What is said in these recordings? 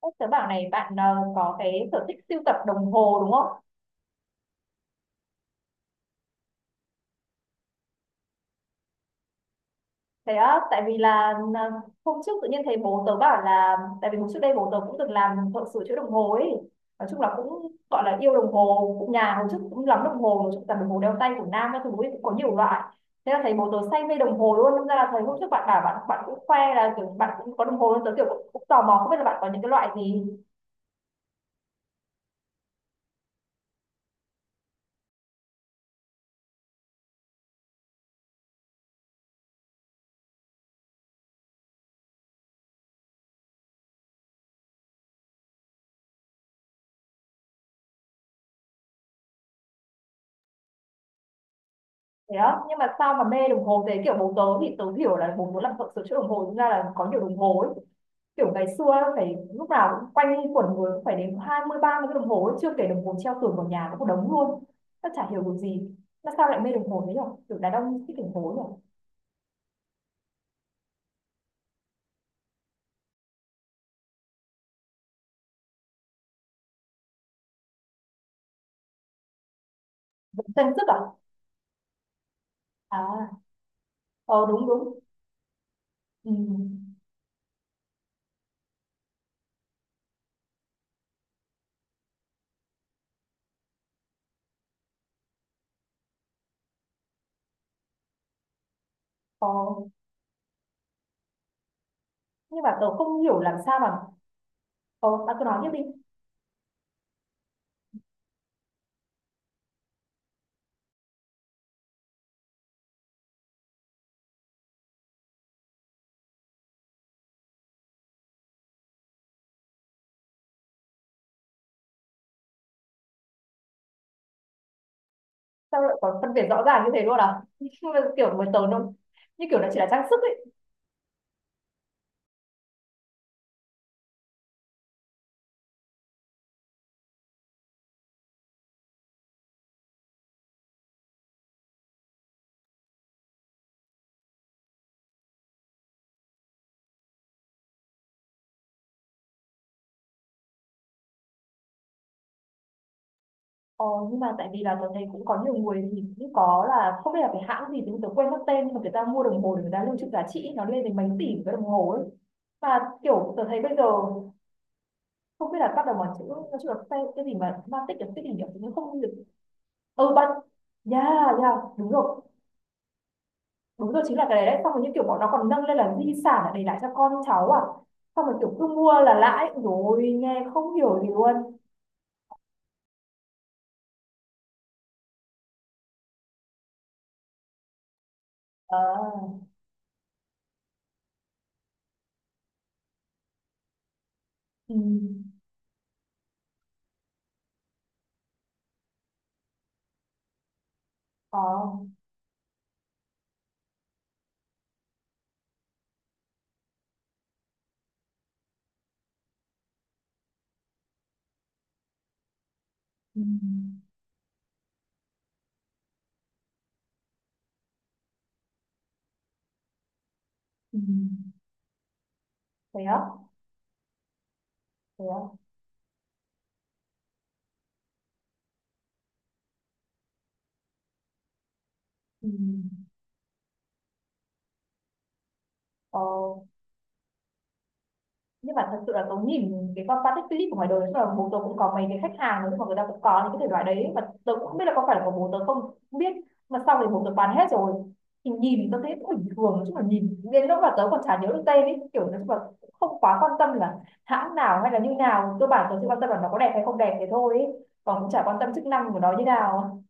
Tớ bảo này bạn có cái sở thích sưu tập đồng hồ đúng không? Thế á, tại vì là hôm trước tự nhiên thấy bố tớ bảo là tại vì hôm trước đây bố tớ cũng từng làm thợ sửa chữa đồng hồ ấy. Nói chung là cũng gọi là yêu đồng hồ, cũng nhà hồi trước cũng lắm đồng hồ, nói chung là đồng hồ đeo tay của nam các thứ ấy cũng có nhiều loại. Thế là thấy bố tớ say mê đồng hồ luôn, nên ra là thấy hôm trước bạn bảo bạn bạn cũng khoe là kiểu bạn cũng có đồng hồ luôn, tớ kiểu cũng tò mò không biết là bạn có những cái loại gì. Thế đó, nhưng mà sao mà mê đồng hồ thế kiểu bố tớ thì tớ hiểu là bố muốn làm thợ sửa chữa đồng hồ, nên ra là có nhiều đồng hồ ấy kiểu ngày xưa phải lúc nào cũng quanh quẩn người cũng phải đến 20 30 cái đồng hồ ấy, chưa kể đồng hồ treo tường vào nhà cũng một đống luôn. Nó chả hiểu được gì, nó sao lại mê đồng hồ thế nhở, kiểu đàn ông thích đồng hồ nhở. Vẫn trang sức à? À, ờ đúng đúng. Ừ. Ờ. Nhưng mà tớ không hiểu làm sao mà. Ờ bạn cứ nói tiếp đi. Sao lại có phân biệt rõ ràng như thế luôn à? Nhưng mà kiểu với tớ nó như kiểu nó chỉ là trang sức ấy. Ờ, nhưng mà tại vì là tớ thấy cũng có nhiều người thì cũng có là không biết là cái hãng gì thì tớ quên mất tên mà người ta mua đồng hồ để người ta lưu trữ giá trị nó lên đến mấy tỷ cái đồng hồ ấy, và kiểu tớ thấy bây giờ không biết là bắt đầu bằng chữ nó chữ là cái gì mà ma tích là tích hình kiểu cũng không được. Ừ bạn. Yeah. Yeah đúng rồi, đúng rồi, chính là cái đấy đấy, xong rồi như kiểu bọn nó còn nâng lên là di sản là để lại cho con cháu à, xong rồi kiểu cứ mua là lãi rồi, nghe không hiểu gì luôn. Ờ. Ừ. Ờ. Ừ. Ừ. Thế á? Thế á? Ừ. Ờ, nhưng mà thật sự là tớ nhìn cái con Patek Philippe của ngoài đời, tức là bố tớ cũng có mấy cái khách hàng nhưng mà người ta cũng có những cái thể loại đấy mà tớ cũng không biết là có phải là của bố tớ không, không biết, mà sau thì bố tớ bán hết rồi, thì nhìn tớ thấy cũng bình thường chứ mà nhìn đến lúc mà tớ còn chả nhớ được tên ấy, kiểu nói chung là cũng không quá quan tâm là hãng nào hay là như nào, cơ bản tớ chỉ quan tâm là nó có đẹp hay không đẹp thế thôi ấy. Còn cũng chả quan tâm chức năng của nó như nào.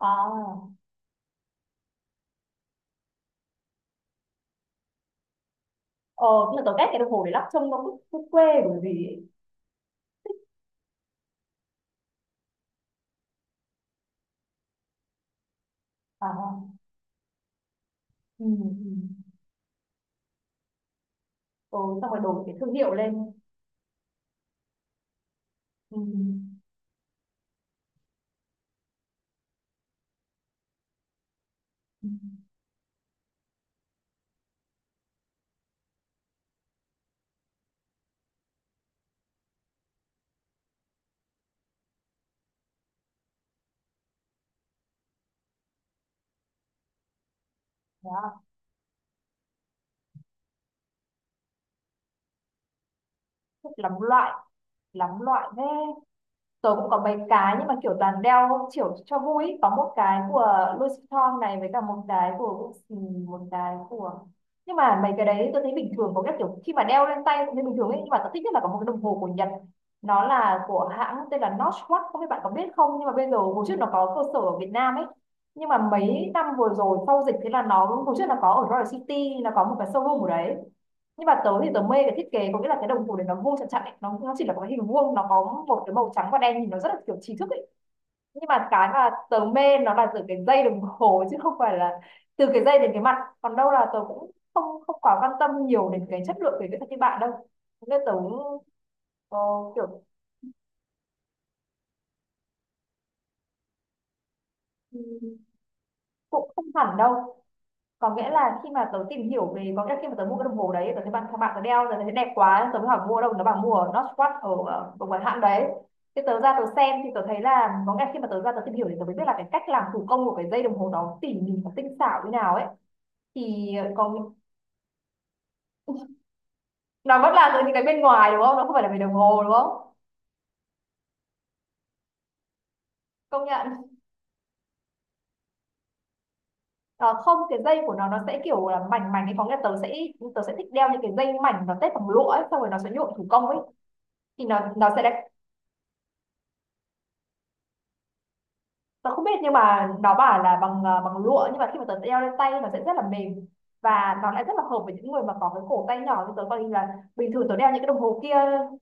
À. Ờ nhưng mà tớ ghét cái đồng hồ đấy lắm, trông nó cứ quê bởi vì ấy. À. Ừ. Ừ. Ừ, xong rồi đổi cái thương hiệu lên. Ừ. Ừ, ừ. Đó. Thích lắm loại, lắm loại thế. Tôi cũng có mấy cái nhưng mà kiểu toàn đeo kiểu cho vui ý. Có một cái của Louis Vuitton này với cả một cái của một cái của, nhưng mà mấy cái đấy tôi thấy bình thường, có cái kiểu khi mà đeo lên tay cũng thấy bình thường ấy, nhưng mà tôi thích nhất là có một cái đồng hồ của Nhật, nó là của hãng tên là Notch Watch, không biết bạn có biết không, nhưng mà bây giờ hồi trước nó có cơ sở ở Việt Nam ấy, nhưng mà mấy năm vừa rồi sau dịch thế là nó hồi trước là có ở Royal City là có một cái showroom ở đấy. Nhưng mà tớ thì tớ mê cái thiết kế, có nghĩa là cái đồng hồ đấy nó vuông chặt chặt ấy. Nó chỉ là một cái hình vuông, nó có một cái màu trắng và đen, nhìn nó rất là kiểu trí thức ấy, nhưng mà cái mà tớ mê nó là từ cái dây đồng hồ chứ không phải là từ cái dây đến cái mặt. Còn đâu là tớ cũng không không quá quan tâm nhiều đến cái chất lượng về kỹ thuật như bạn đâu, nên tớ ờ, kiểu ừ, cũng không hẳn đâu, có nghĩa là khi mà tớ tìm hiểu về, có nghĩa là khi mà tớ mua cái đồng hồ đấy, tớ thấy các bạn tớ đeo rồi tớ thấy đẹp quá, tớ mới hỏi mua ở đâu, nó bảo mua ở Northwest ở ở một cái hãng đấy, thì tớ ra tớ xem thì tớ thấy là, có nghĩa là khi mà tớ ra tớ tìm hiểu thì tớ mới biết là cái cách làm thủ công của cái dây đồng hồ đó tỉ mỉ và tinh xảo như nào ấy, thì có. Nó vẫn là từ những cái bên ngoài đúng không, nó không phải là về đồng hồ đúng không. Công nhận. Ờ, không, cái dây của nó sẽ kiểu là mảnh mảnh ấy, có nghĩa là tớ sẽ thích đeo những cái dây mảnh nó tết bằng lụa ấy, xong rồi nó sẽ nhuộm thủ công ấy, thì nó sẽ là, tớ không biết nhưng mà nó bảo là bằng bằng lụa, nhưng mà khi mà tớ đeo lên tay nó sẽ rất là mềm và nó lại rất là hợp với những người mà có cái cổ tay nhỏ như tớ, coi như là bình thường tớ đeo những cái đồng hồ kia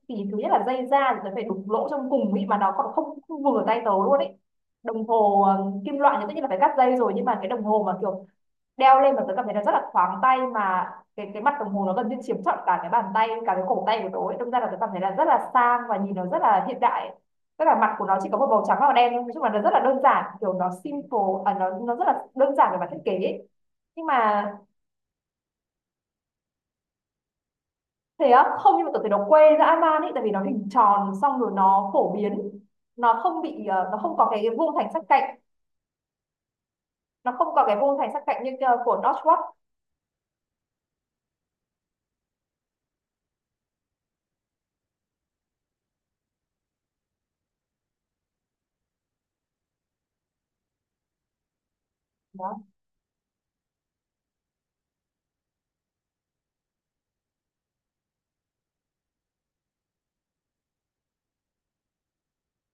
thì thứ nhất là dây da thì tớ phải đục lỗ trong cùng ý mà nó còn không vừa tay tớ luôn ấy. Đồng hồ kim loại thì tất nhiên là phải cắt dây rồi, nhưng mà cái đồng hồ mà kiểu đeo lên mà tớ cảm thấy nó rất là thoáng tay mà cái mặt đồng hồ nó gần như chiếm trọn cả cái bàn tay, cả cái cổ tay của tớ ấy. Đâm ra là tớ cảm thấy là rất là sang và nhìn nó rất là hiện đại ấy, tức là mặt của nó chỉ có một màu trắng và màu đen thôi, nói chung là nó rất là đơn giản kiểu nó simple. À, nó rất là đơn giản về mặt thiết kế ấy. Nhưng mà thế á, không, nhưng mà tôi thấy nó quê ra Aman ấy, tại vì nó hình tròn xong rồi nó phổ biến, nó không nó không có cái vuông thành sắc cạnh, nó không có cái vuông thành sắc cạnh như của North Rock đó.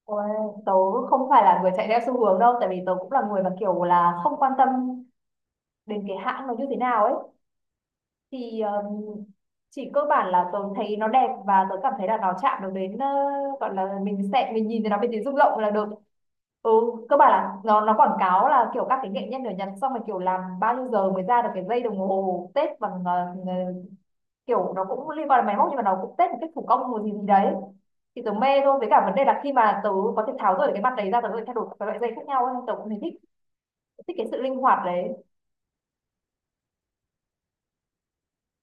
Ôi, tớ không phải là người chạy theo xu hướng đâu, tại vì tớ cũng là người mà kiểu là không quan tâm đến cái hãng nó như thế nào ấy, thì chỉ cơ bản là tôi thấy nó đẹp và tôi cảm thấy là nó chạm được đến gọi là mình sẽ mình nhìn thấy nó mình thấy rung động là được. Ừ, cơ bản là nó quảng cáo là kiểu các cái nghệ nhân ở Nhật, xong rồi kiểu làm bao nhiêu giờ mới ra được cái dây đồng hồ tết bằng ờ, kiểu nó cũng liên quan đến máy móc nhưng mà nó cũng tết một cách thủ công một gì gì đấy, thì tớ mê thôi, với cả vấn đề là khi mà tớ có thể tháo rời cái mặt đấy ra, tớ có thể thay đổi các loại dây khác nhau ấy. Tớ cũng thấy thích, thích cái sự linh hoạt đấy.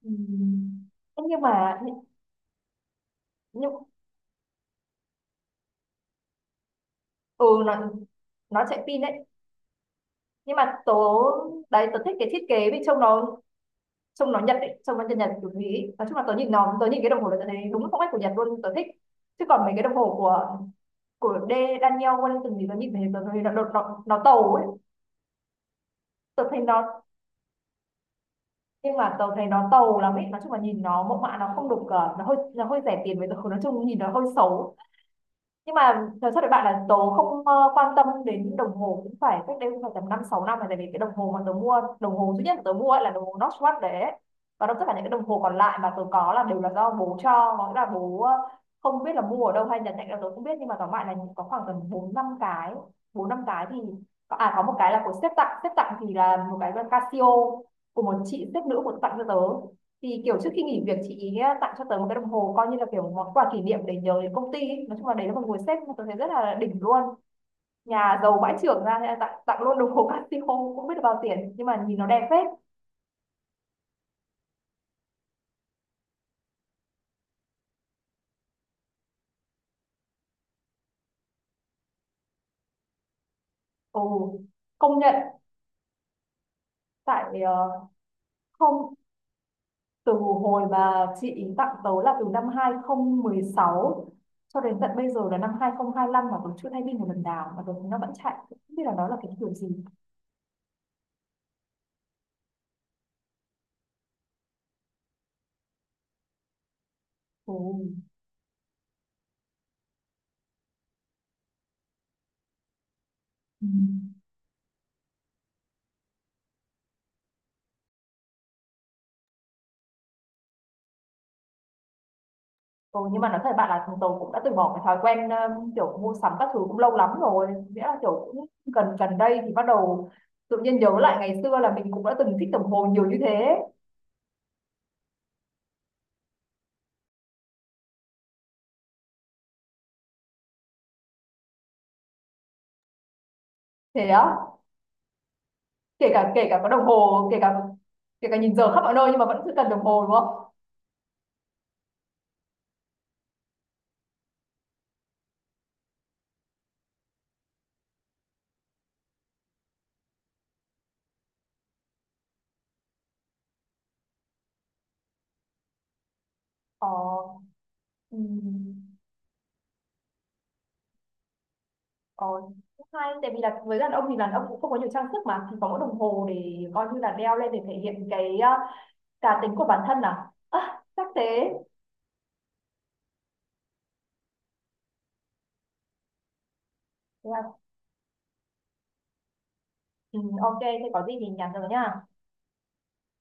Ừm. Nhưng mà, nhưng ừ nó chạy pin đấy, nhưng mà tớ. Đấy tớ thích cái thiết kế vì trông nó, trông nó nhật ấy, trông nó nhật nhật kiểu ý, nói chung là tớ nhìn cái đồng hồ là tớ thấy đúng phong cách của Nhật luôn, tớ thích, chứ còn mấy cái đồng hồ của của D Daniel Wellington thì tớ nhìn thấy tớ thấy nó tàu ấy. Tớ thấy nó Nhưng mà tớ thấy nó tàu lắm ấy, nói chung là nhìn nó mẫu mã nó không được, nó hơi, nó hơi rẻ tiền, với tớ nói chung nhìn nó hơi xấu. Nhưng mà thật sự với bạn là tớ không quan tâm đến đồng hồ cũng phải cách đây cũng phải tầm 5 6 năm rồi, tại vì cái đồng hồ mà tớ mua, đồng hồ duy nhất mà tớ mua ấy là đồng hồ Swatch đấy ấy. Và đó tất cả những cái đồng hồ còn lại mà tớ có là đều là do bố cho, có nghĩa là bố không biết là mua ở đâu hay nhận tặng là tớ không biết, nhưng mà tóm lại là có khoảng tầm 4 5 cái, 4 5 cái thì có một cái là của sếp tặng, sếp tặng thì là một cái là Casio, của một chị sếp nữ của tặng cho tớ, thì kiểu trước khi nghỉ việc chị ý tặng cho tớ một cái đồng hồ coi như là kiểu món quà kỷ niệm để nhớ đến công ty ý. Nói chung là đấy là một người sếp mà tớ thấy rất là đỉnh luôn, nhà giàu bãi trưởng ra nên là tặng tặng luôn đồng hồ Casio cũng biết được bao tiền nhưng mà nhìn nó đẹp phết. Ồ. Công nhận. Tại ờ, không từ hồi mà chị ý tặng tớ là từ năm 2016 cho đến tận bây giờ là năm 2025 mà tớ chưa thay pin một lần nào mà tớ thấy nó vẫn chạy, không biết là nó là cái kiểu gì. Ồ. Ừ. Ừ, nhưng mà nói thật bạn là chúng tôi cũng đã từ bỏ cái thói quen kiểu mua sắm các thứ cũng lâu lắm rồi, nghĩa là kiểu cũng gần gần đây thì bắt đầu tự nhiên nhớ lại ngày xưa là mình cũng đã từng thích đồng hồ nhiều như thế. Thế á? Kể cả có đồng hồ, kể cả nhìn giờ khắp mọi nơi nhưng mà vẫn cứ cần đồng hồ đúng không. Ờ. Ừm. Ờ cũng hay, tại vì là với đàn ông thì đàn ông cũng không có nhiều trang sức mà, thì có mỗi đồng hồ để coi như là đeo lên để thể hiện cái cá tính của bản thân, à à chắc thế. Thế là, ừ, ok thế có gì thì nhắn rồi nha.